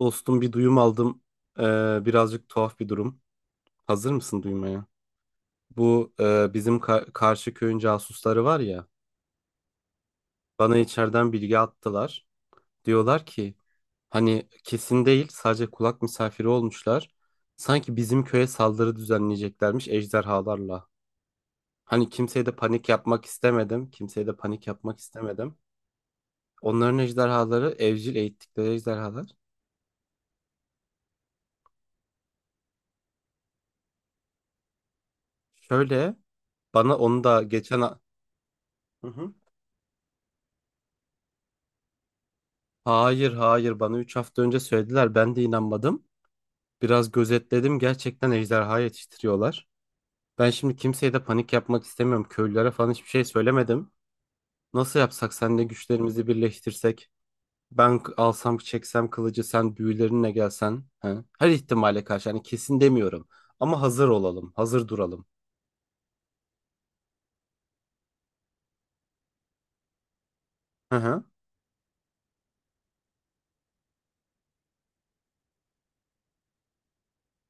Dostum bir duyum aldım. Ee, birazcık tuhaf bir durum. Hazır mısın duymaya? Bu bizim karşı köyün casusları var ya. Bana içeriden bilgi attılar. Diyorlar ki hani kesin değil, sadece kulak misafiri olmuşlar. Sanki bizim köye saldırı düzenleyeceklermiş ejderhalarla. Hani kimseye de panik yapmak istemedim. Kimseye de panik yapmak istemedim. Onların ejderhaları evcil eğittikleri ejderhalar. Şöyle, bana onu da geçen Hı hı. Hayır hayır, bana 3 hafta önce söylediler, ben de inanmadım. Biraz gözetledim, gerçekten ejderha yetiştiriyorlar. Ben şimdi kimseye de panik yapmak istemiyorum. Köylülere falan hiçbir şey söylemedim. Nasıl yapsak, seninle güçlerimizi birleştirsek? Ben alsam çeksem kılıcı, sen büyülerinle gelsen. He? Her ihtimale karşı, hani kesin demiyorum. Ama hazır olalım, hazır duralım. Hı hı.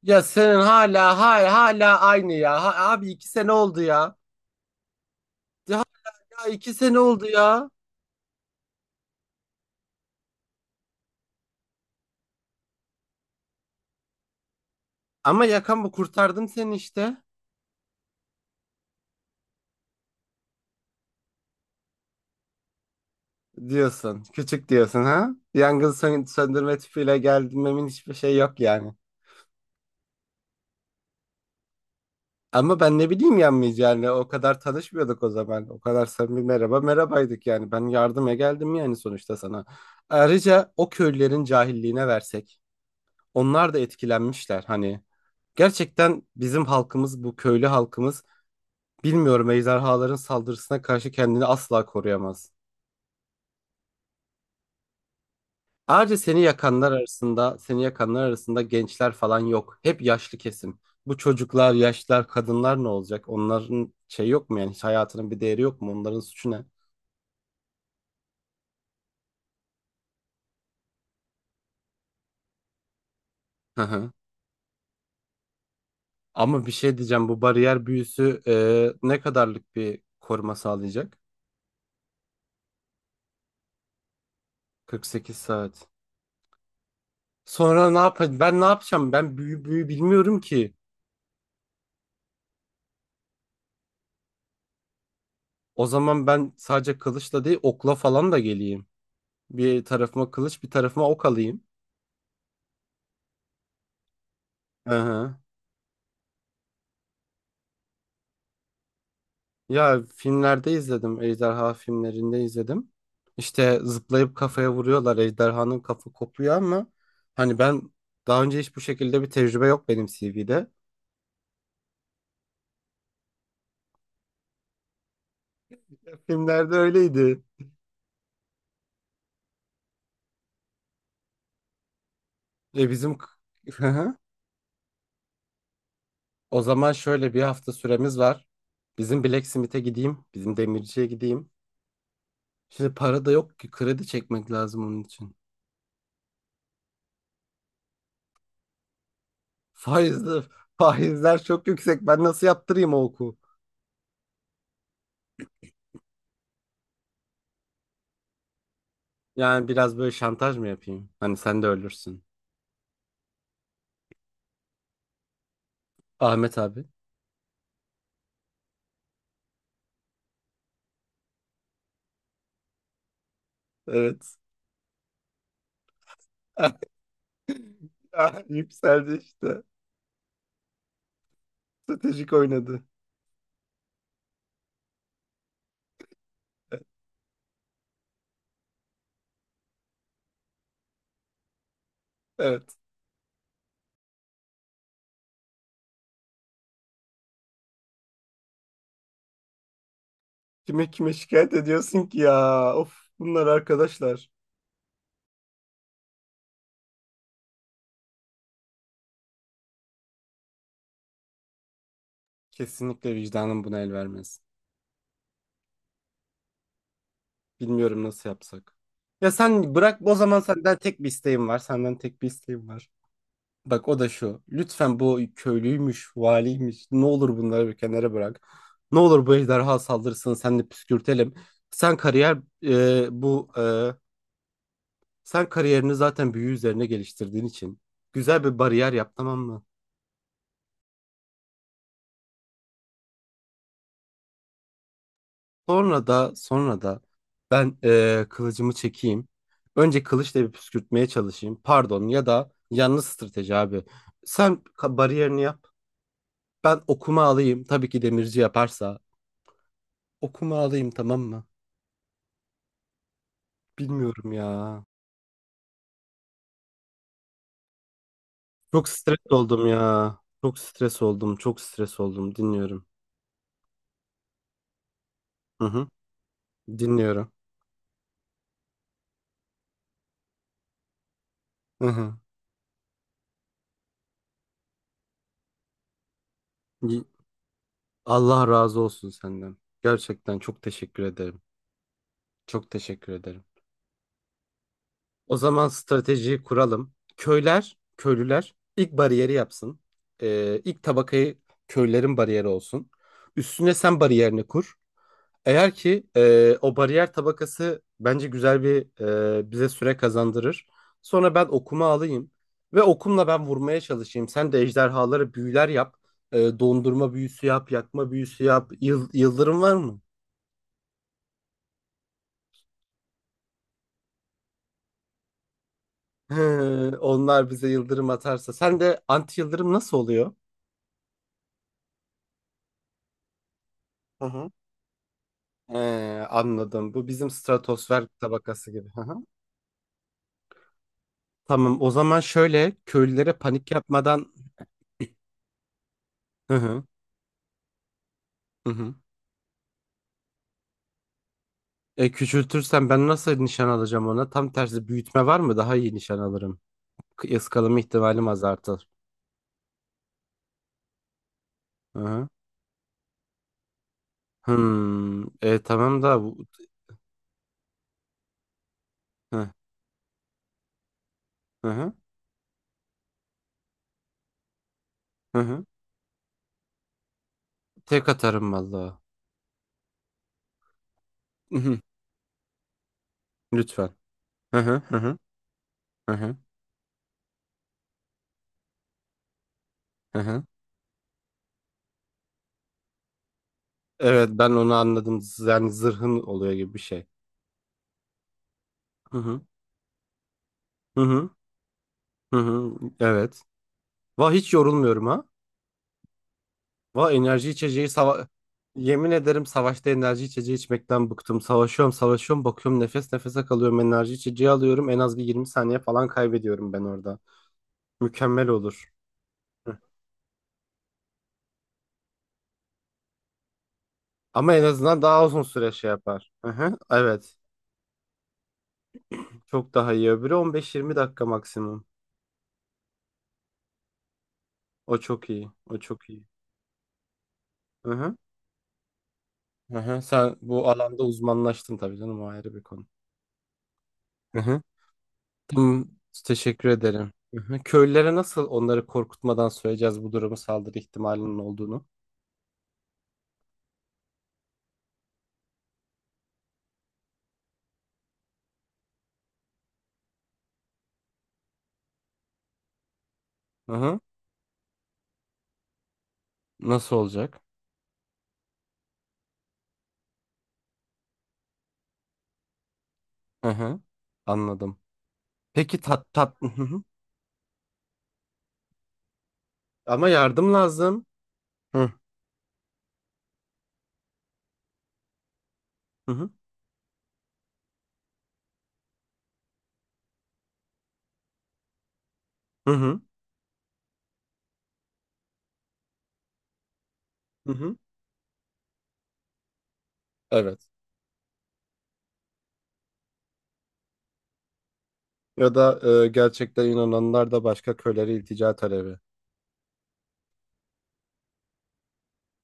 Ya senin hala aynı ya. Abi iki sene oldu ya. Ya, hala iki sene oldu ya. Ama yakan bu, kurtardım seni işte. Diyorsun. Küçük diyorsun ha? Yangın söndürme tüpüyle gelmemin hiçbir şey yok yani. Ama ben ne bileyim yanmayacağını, yani. O kadar tanışmıyorduk o zaman. O kadar samimi, merhaba merhabaydık yani. Ben yardıma geldim yani sonuçta sana. Ayrıca o köylülerin cahilliğine versek. Onlar da etkilenmişler hani. Gerçekten bizim halkımız, bu köylü halkımız, bilmiyorum, ejderhaların saldırısına karşı kendini asla koruyamaz. Ayrıca seni yakanlar arasında, seni yakanlar arasında gençler falan yok. Hep yaşlı kesim. Bu çocuklar, yaşlılar, kadınlar ne olacak? Onların şey yok mu yani? Hiç hayatının bir değeri yok mu? Onların suçu ne? Hı hı. Ama bir şey diyeceğim. Bu bariyer büyüsü ne kadarlık bir koruma sağlayacak? 48 saat. Sonra ne yapacağım? Ben ne yapacağım? Ben büyü bilmiyorum ki. O zaman ben sadece kılıçla değil, okla falan da geleyim. Bir tarafıma kılıç, bir tarafıma ok alayım. Hı hı. Ya, filmlerde izledim. Ejderha filmlerinde izledim. İşte zıplayıp kafaya vuruyorlar. Ejderhanın kafa kopuyor, ama hani ben daha önce hiç bu şekilde bir tecrübe yok benim CV'de. Ya, filmlerde öyleydi. Bizim o zaman şöyle bir hafta süremiz var. Bizim Blacksmith'e gideyim. Bizim demirciye gideyim. Şimdi para da yok ki, kredi çekmek lazım onun için. Faizler, faizler çok yüksek. Ben nasıl yaptırayım o oku? Yani biraz böyle şantaj mı yapayım? Hani sen de ölürsün. Ahmet abi. Evet. Ah, yükseldi işte. Stratejik oynadı. Evet. Kime şikayet ediyorsun ki ya? Of, bunlar arkadaşlar. Kesinlikle vicdanım buna el vermez. Bilmiyorum nasıl yapsak. Ya sen bırak o zaman, senden tek bir isteğim var. Senden tek bir isteğim var. Bak, o da şu. Lütfen, bu köylüymüş, valiymiş, ne olur bunları bir kenara bırak. Ne olur bu ejderha saldırsın. Sen de püskürtelim. Sen kariyer e, bu e, Sen kariyerini zaten büyü üzerine geliştirdiğin için güzel bir bariyer yap, tamam mı? Sonra da ben kılıcımı çekeyim. Önce kılıçla bir püskürtmeye çalışayım. Pardon, ya da yanlış strateji abi. Sen bariyerini yap. Ben okuma alayım. Tabii ki demirci yaparsa. Okuma alayım, tamam mı? Bilmiyorum ya. Çok stres oldum ya. Çok stres oldum. Çok stres oldum. Dinliyorum. Hı hı. Dinliyorum. Hı hı. Allah razı olsun senden. Gerçekten çok teşekkür ederim. Çok teşekkür ederim. O zaman stratejiyi kuralım. Köyler, köylüler ilk bariyeri yapsın. İlk tabakayı köylerin bariyeri olsun. Üstüne sen bariyerini kur. Eğer ki o bariyer tabakası bence güzel bir, bize süre kazandırır. Sonra ben okuma alayım ve okumla ben vurmaya çalışayım. Sen de ejderhalara büyüler yap. Dondurma büyüsü yap, yakma büyüsü yap. Yıldırım var mı? Hı, onlar bize yıldırım atarsa. Sen de anti yıldırım nasıl oluyor? Hı hı. Anladım. Bu bizim stratosfer tabakası gibi. Hı hı. Tamam. O zaman şöyle, köylülere panik yapmadan Hı hı. Hı hı. Küçültürsem ben nasıl nişan alacağım ona? Tam tersi büyütme var mı? Daha iyi nişan alırım. Iskalama ihtimalim azaltır. Hı hı. Hmm. Tamam da bu. Hı hı. Hı hı. Tek atarım vallahi. Hı hı. Lütfen. Hı hı. Hı hı. Hı hı. Hı hı. Evet, ben onu anladım. Yani zırhın oluyor gibi bir şey. Hı hı. Hı hı. Hı hı. Evet. Vah, hiç yorulmuyorum ha. Vah, enerji içeceği yemin ederim, savaşta enerji içeceği içmekten bıktım. Savaşıyorum, savaşıyorum, bakıyorum nefes nefese kalıyorum. Enerji içeceği alıyorum. En az bir 20 saniye falan kaybediyorum ben orada. Mükemmel olur. Hı. Ama en azından daha uzun süre şey yapar. Hı hı. Evet. Çok daha iyi. Öbürü 15-20 dakika maksimum. O çok iyi. O çok iyi. Hı hı. Hı hı. Sen bu alanda uzmanlaştın tabii canım, o ayrı bir konu. Hı hı. Tamam, teşekkür ederim. Hı hı. Köylülere nasıl onları korkutmadan söyleyeceğiz bu durumu, saldırı ihtimalinin olduğunu? Hı hı. Nasıl olacak? Hı hı. Anladım. Peki, tat tat hı hı. Ama yardım lazım. Hı hı, hı hı, hı. Hı hı. Evet. Ya da gerçekten inananlar da başka köylere iltica talebi.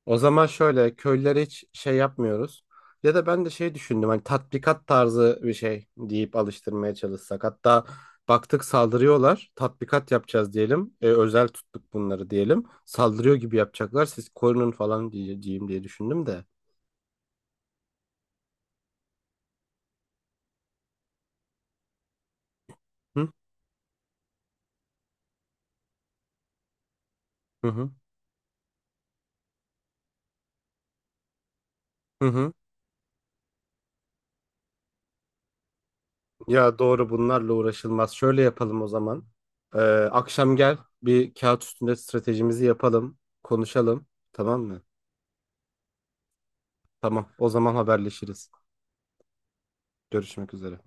O zaman şöyle, köylere hiç şey yapmıyoruz. Ya da ben de şey düşündüm, hani tatbikat tarzı bir şey deyip alıştırmaya çalışsak. Hatta baktık saldırıyorlar, tatbikat yapacağız diyelim. Özel tuttuk bunları diyelim. Saldırıyor gibi yapacaklar, siz korunun falan diyeceğim diye düşündüm de. Hı hı hı. Hı hı. Ya doğru, bunlarla uğraşılmaz. Şöyle yapalım o zaman. Ee, akşam gel, bir kağıt üstünde stratejimizi yapalım, konuşalım, tamam mı? Tamam, o zaman haberleşiriz. Görüşmek üzere.